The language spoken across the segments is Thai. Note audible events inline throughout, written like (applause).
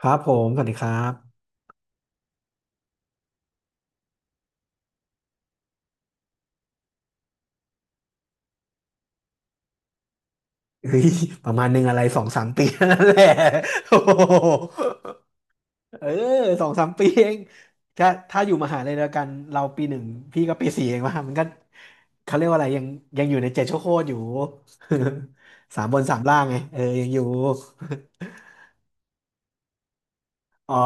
ครับผมสวัสดีครับ (laughs) เฮ้ยประมาณหนึ่งอะไรสองสามปีนั่นแหละ (laughs) โอ้โหเออสองสามปีเองถ้าอยู่มหาลัยเดียวกันเราปีหนึ่งพี่ก็ปีสี่เองว่ามันก็เขาเรียกว่าอะไรยังอยู่ในเจ็ดชั่วโคตรอยู่ (laughs) สามบนสามล่างไงเออยังอยู่ (laughs) อ๋อ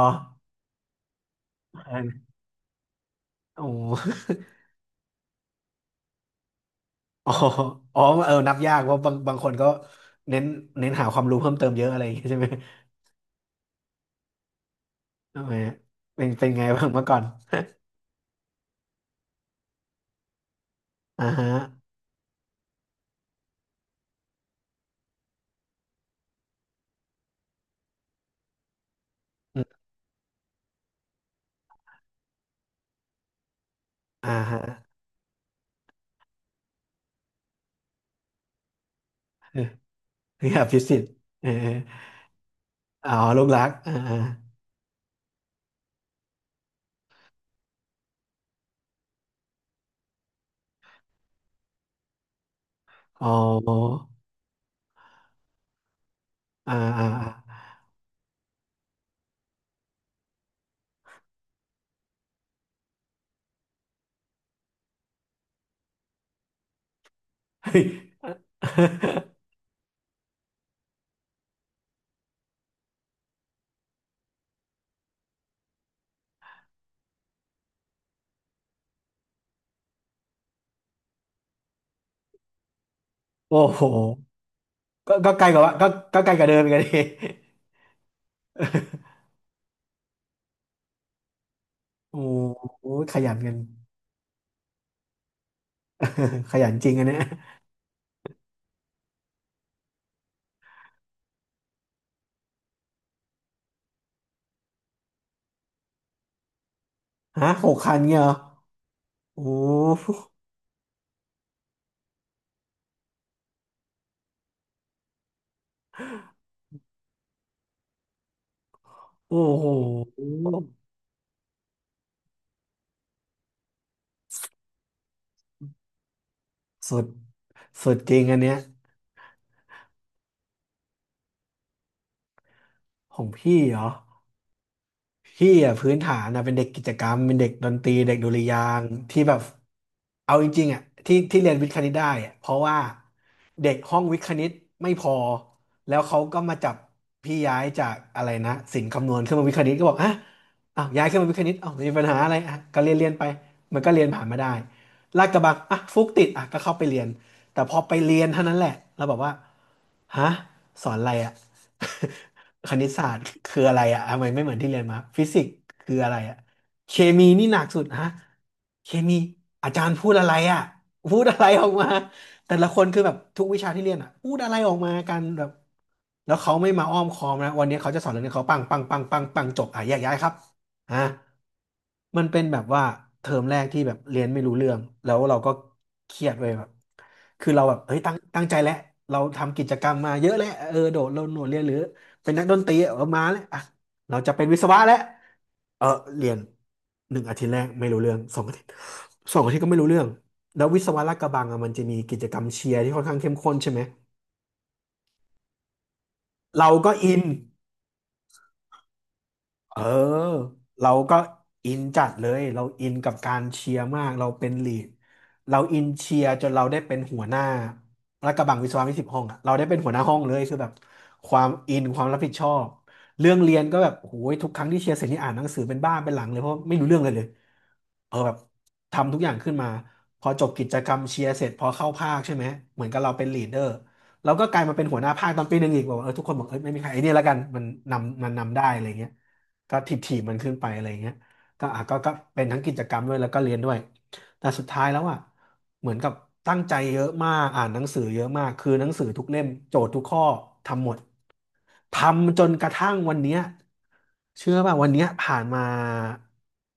โอ้ (laughs) อ๋ออ๋อเออนับยากเพราะบางคนก็เน้นเน้นหาความรู้เพิ่มเติมเยอะอะไรอย่างเงี้ยใช่ไหมทำไมเป็นไงบ้างเมื่อก่อน (laughs) อ่าฮะ อ่าฮะเออคืออภิสิทธิ์เอออ๋อลูกรักอ่าอาอ๋ออ่าอ่าอ่าเฮ้ย (laughs) โอ้โหก็ไกลกว่าก็ไกลกว่าเดิมอีกันดิ (laughs) โอ้โหขยันกัน (laughs) ขยันจริงอันเนี้ยฮะหกคันเงี้ยเหรอโอ้โหโอ้โหสุดสุดจริงอันเนี้ยของพี่เหรอ พี่อ่ะพื้นฐานนะเป็นเด็กกิจกรรมเป็นเด็กดนตรีเด็กดุริยางค์ที่แบบเอาจริงๆอ่ะที่เรียนวิทย์คณิตได้อ่ะเพราะว่าเด็กห้องวิทย์คณิตไม่พอแล้วเขาก็มาจับพี่ย้ายจากอะไรนะศิลป์คำนวณขึ้นมาวิทย์คณิตก็บอกอ่ะอ้าวย้ายขึ้นมาวิทย์คณิตอ้าวมีปัญหาอะไรอ่ะก็เรียนเรียนไปมันก็เรียนผ่านมาได้ลาดกระบังอ่ะฟุกติดอ่ะก็เข้าไปเรียนแต่พอไปเรียนเท่านั้นแหละแล้วบอกว่าฮะสอนอะไรอ่ะ (laughs) คณิตศาสตร์คืออะไรอะทำไมไม่เหมือนที่เรียนมาฟิสิกส์คืออะไรอะเคมีนี่หนักสุดฮะเคมีอาจารย์พูดอะไรอะพูดอะไรออกมาแต่ละคนคือแบบทุกวิชาที่เรียนอะพูดอะไรออกมากันแบบแล้วเขาไม่มาอ้อมค้อมนะวันนี้เขาจะสอนเรื่องนี้เขาปังปังปังปังปังจบอ่ะแยกย้ายครับอ่ะมันเป็นแบบว่าเทอมแรกที่แบบเรียนไม่รู้เรื่องแล้วเราก็เครียดเลยแบบคือเราแบบเฮ้ยตั้งใจแล้วเราทำกิจกรรมมาเยอะแล้วเออโดดโลดโนดเรียนหรือ เป็นนักดนตรีเออมาแล้วอ่ะเราจะเป็นวิศวะแล้วเออเรียน1 อาทิตย์แรกไม่รู้เรื่องสองอาทิตย์สองอาทิตย์ก็ไม่รู้เรื่องแล้ววิศวะลาดกระบังอ่ะมันจะมีกิจกรรมเชียร์ที่ค่อนข้างเข้มข้นใช่ไหมเราก็อิน เออเราก็อินจัดเลยเราอินกับการเชียร์มากเราเป็นลีดเราอินเชียร์จนเราได้เป็นหัวหน้าและกระบังวิศวะวิสิบห้องอะเราได้เป็นหัวหน้าห้องเลยคือแบบความอินความรับผิดชอบเรื่องเรียนก็แบบโอ้ยทุกครั้งที่เชียร์เสร็จนี่อ่านหนังสือเป็นบ้าเป็นหลังเลยเพราะไม่รู้เรื่องเลยเออแบบทำทุกอย่างขึ้นมาพอจบกิจกรรมเชียร์เสร็จพอเข้าภาคใช่ไหมเหมือนกับเราเป็นลีดเดอร์ แล้วก็กลายมาเป็นหัวหน้าภาคตอนปีหนึ่งอีกบอกว่าเออทุกคนบอกเออไม่มีใครไอ้นี่แล้วกันมันนำได้อะไรเงี้ยก็ถีบถีบมันขึ้นไปอะไรเงี้ยก็อ่ะก็ก็เป็นทั้งกิจกรรมด้วยแล้วก็เรียนด้วย แต่สุดท้ายแล้วอ่ะเหมือนกับตั้งใจเยอะมากอ่านหนังสือเยอะมากคือหนังสือทุกเล่มโจทย์ทุกข้อทำหมดทำจนกระทั่งวันเนี้ยเชื่อป่ะวันเนี้ยผ่านมา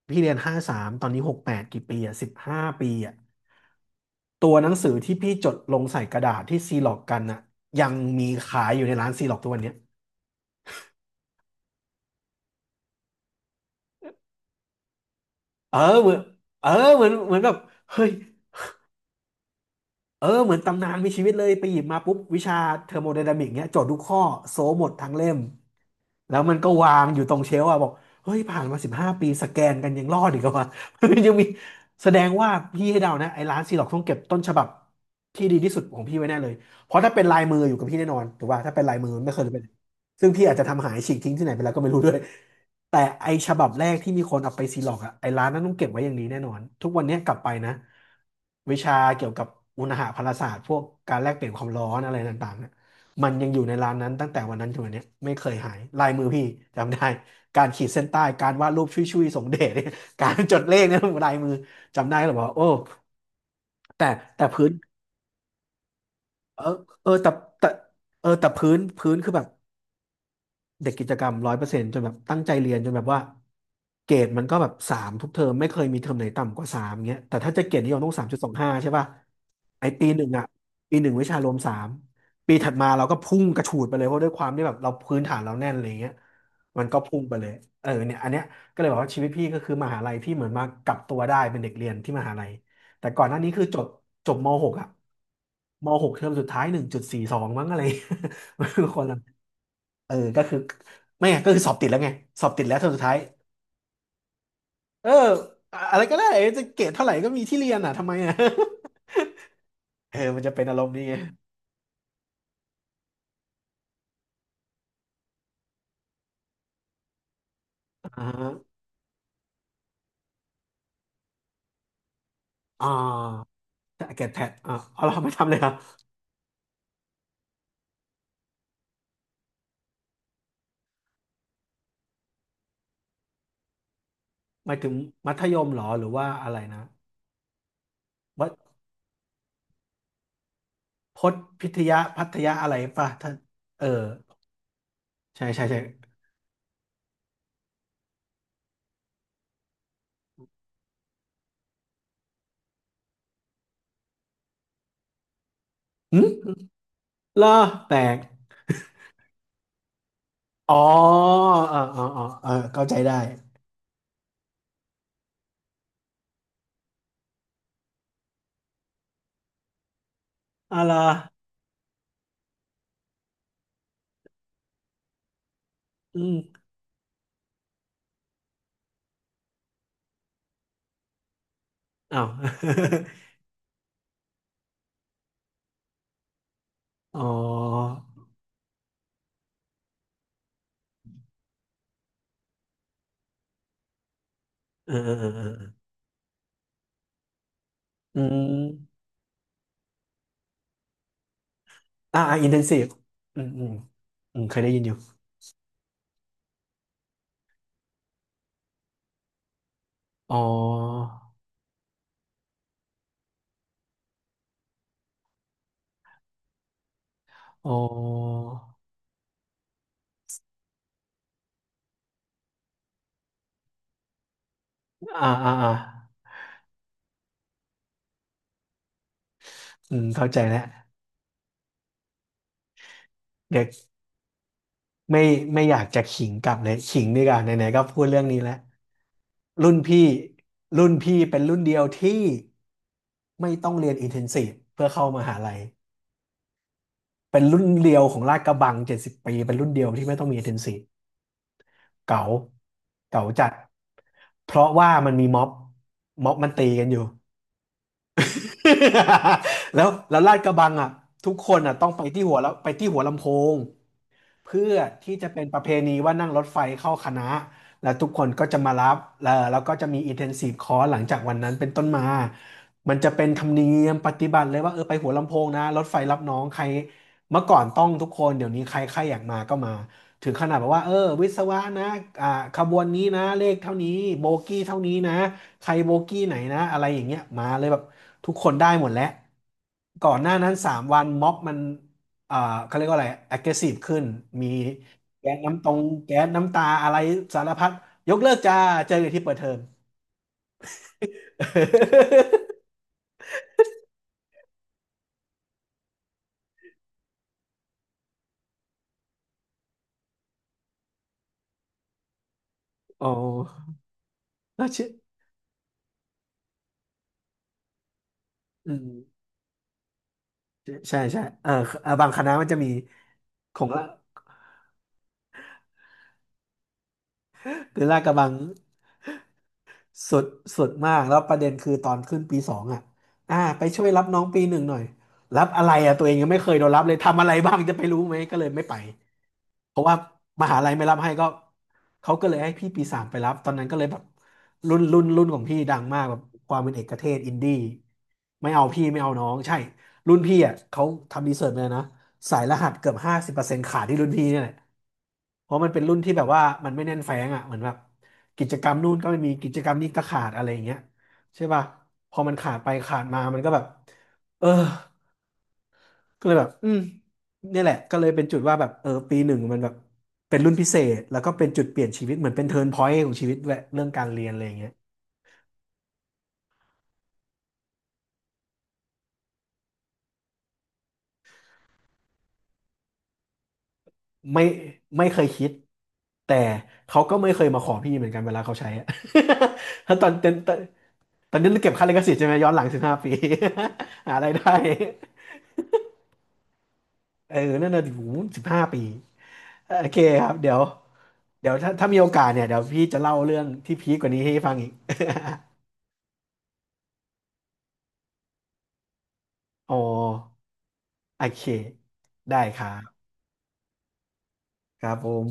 พี่เรียน53ตอนนี้68กี่ปีอ่ะสิบห้าปีอ่ะตัวหนังสือที่พี่จดลงใส่กระดาษที่ซีล็อกกันอ่ะยังมีขายอยู่ในร้านซีล็อกทุกวันเนี้ยเออเหมือนเออเหมือนเหมือนแบบเฮ้ย เออเหมือนตำนานมีชีวิตเลยไปหยิบมาปุ๊บวิชาเทอร์โมไดนามิกเนี้ยโจทย์ทุกข้อโซหมดทั้งเล่มแล้วมันก็วางอยู่ตรงเชลฟ์อะบอกเฮ้ยผ่านมาสิบห้าปีสแกนกันยังรอดอีกเหรอวะ (laughs) ยังมีแสดงว่าพี่ให้เดานะไอ้ร้านซีล็อกต้องเก็บต้นฉบับที่ดีที่สุดของพี่ไว้แน่เลยเพราะถ้าเป็นลายมืออยู่กับพี่แน่นอนถูกป่ะถ้าเป็นลายมือมันไม่เคยเป็นซึ่งพี่อาจจะทำหายฉีกทิ้งที่ไหนไปแล้วก็ไม่รู้ด้วย แต่ไอฉบับแรกที่มีคนเอาไปซีล็อกอะไอร้านนั้นต้องเก็บไว้อย่างนี้แน่นอนทุกวันเนี้ยกลับไปนะวิชาเกี่ยวกับอุณหภาพศาสตร์พวกการแลกเปลี่ยนความร้อนอะไรต่างๆเนี่ยมันยังอยู่ในร้านนั้นตั้งแต่วันนั้นถึงวันเนี้ยไม่เคยหายลายมือพี่จำได้การขีดเส้นใต้การวาดรูปชุยๆสงเดชเนี่ย (laughs) การจดเลขเนี่ยลายมือจำได้หรือเปลบอก่าโอ้แต่แต่พื้นเออเออแต่แต่พื้นพื้นคือแบบ เด็กกิจกรรมร้อยเปอร์เซ็นต์จนแบบตั้งใจเรียนจนแบบว่าเกรดมันก็แบบสามทุกเทอมไม่เคยมีเทอมไหนต่ำกว่าสามเงี้ยแต่ถ้าจะเกรดนิยมต้องสามจุดสองห้าใช่ป่ะไอปีหนึ่งอ่ะปีหนึ่งวิชารวมสามปีถัดมาเราก็พุ่งกระฉูดไปเลยเพราะด้วยความที่แบบเราพื้นฐานเราแน่นอะไรเงี้ยมันก็พุ่งไปเลยเออเนี่ยอันเนี้ยก็เลยบอกว่าชีวิตพี่ก็คือมหาลัยพี่เหมือนมากลับตัวได้เป็นเด็กเรียนที่มหาลัยแต่ก่อนหน้านี้คือจบจบมหกอ่ะมหกเทอมสุดท้ายหนึ่งจุดสี่สองมั้งอะไร (laughs) มันคือคนละ เออก็คือไม่ไงก็คือสอบติดแล้วไงสอบติดแล้วเทอมสุดท้ายเอออะไรก็ได้จะเกรดเท่าไหร่ก็มีที่เรียนอ่ะทำไมอ่ะ (laughs) เออมันจะเป็นอารมณ์นี้ไงอ่าฮะอ่าเกรดแพทอ่าเอาเราไม่ทำเลยครับหมายถึงมัธยมเหรอหรือว่าอะไรนะวัดพจน์พิทยาพัทยาอะไรป่ะท่านเออใช่ใช่ใช่หึเหรอแปลกอ๋อเออเออเออเออเข้าใจได้อะไรออืมอ้าว (laughs) อ๋อเออเออเออ อืมอ่าอินเทนซีฟอืมอืมอืมเคยได้ยินอยู่อ๋ออ๋ออ่าอ่าอ่าอืมเข้าใจแล้วเดี๋ยวไม่ไม่อยากจะขิงกลับเลยขิงดีกว่าไหนๆก็พูดเรื่องนี้แล้วรุ่นพี่รุ่นพี่เป็นรุ่นเดียวที่ไม่ต้องเรียนอินเทนซีฟเพื่อเข้ามหาลัยเป็นรุ่นเดียวของลาดกระบังเจ็ดสิบปีเป็นรุ่นเดียวที่ไม่ต้องมีอินเทนซีฟเก๋าเก๋าจัดเพราะว่ามันมีม็อบม็อบมันตีกันอยู่ (laughs) แล้วลาดกระบังอ่ะทุกคนอ่ะต้องไปที่หัวแล้วไปที่หัวลำโพง เพื่อที่จะเป็นประเพณีว่านั่งรถไฟเข้าคณะแล้วทุกคนก็จะมารับแล้วแล้วก็จะมี intensive course หลังจากวันนั้นเป็นต้นมามันจะเป็นธรรมเนียมปฏิบัติเลยว่าเออไปหัวลำโพงนะรถไฟรับน้องใครเมื่อก่อนต้องทุกคนเดี๋ยวนี้ใครใครอยากมาก็มาถึงขนาดแบบว่าเออวิศวะนะอ่าขบวนนี้นะเลขเท่านี้โบกี้เท่านี้นะใครโบกี้ไหนนะอะไรอย่างเงี้ยมาเลยแบบทุกคนได้หมดแล้วก่อนหน้านั้นสามวันม็อบมัน อ่าเขาเรียกว่าอะไร aggressive ขึ้น มีแก๊สน้ำตรง แก๊สน้ำตาอะไรสารพัดยกเลิกจ้าเจอกันที่เปิดเทอม (laughs) โอ้แล้วชื่ออืมใช่ใช่เออเออบางคณะมันจะมีของละคือลาดกระบัง สุดสุดมากแล้วประเด็นคือตอนขึ้นปีสองอ่ะอ่าไปช่วยรับน้องปีหนึ่งหน่อยรับอะไรอ่ะตัวเองยังไม่เคยโดนรับเลยทำอะไรบ้างจะไปรู้ไหมก็เลยไม่ไปเพราะว่ามหาลัยไม่รับให้ก็เขาก็เลยให้พี่ปีสามไปรับตอนนั้นก็เลยแบบรุ่นของพี่ดังมากแบบความเป็นเอกเทศอินดี้ไม่เอาพี่ไม่เอาน้องใช่รุ่นพี่อ่ะเขาทำรีเสิร์ชมาเลยนะสายรหัสเกือบห้าสิบเปอร์เซ็นต์ขาดที่รุ่นพี่เนี่ยแหละเพราะมันเป็นรุ่นที่แบบว่ามันไม่แน่นแฟ้งอ่ะเหมือนแบบ กิจกรรมนู่นก็ไม่มีกิจกรรมนี้ก็ขาดอะไรอย่างเงี้ยใช่ป่ะพอมันขาดไปขาดมามันก็แบบเออก็เลยแบบอืมเนี่ยแหละก็เลยเป็นจุดว่าแบบเออปีหนึ่งมันแบบเป็นรุ่นพิเศษแล้วก็เป็นจุดเปลี่ยนชีวิตเหมือนเป็นเทิร์นพอยต์ของชีวิตด้วยเรื่องการเรียนอะไรอย่างเงี้ยไม่ไม่เคยคิดแต่เขาก็ไม่เคยมาขอพี่เหมือนกันเวลาเขาใช้อะ (laughs) ถ้าตอนนี้เราเก็บค่าลิขสิทธิ์ใช่ไหมย้อนหลังสิบห้าปี (laughs) หาอะไรายได้ เออนั่นน่ะอยู่สิบห้าปีเออโอเคครับ เดี๋ยวเดี๋ยวถ้ามีโอกาสเนี่ย เดี๋ยวพี่จะเล่าเรื่องที่พีคกว่านี้ให้ฟังอีก (laughs) อ๋อโอเค ได้ครับครับผม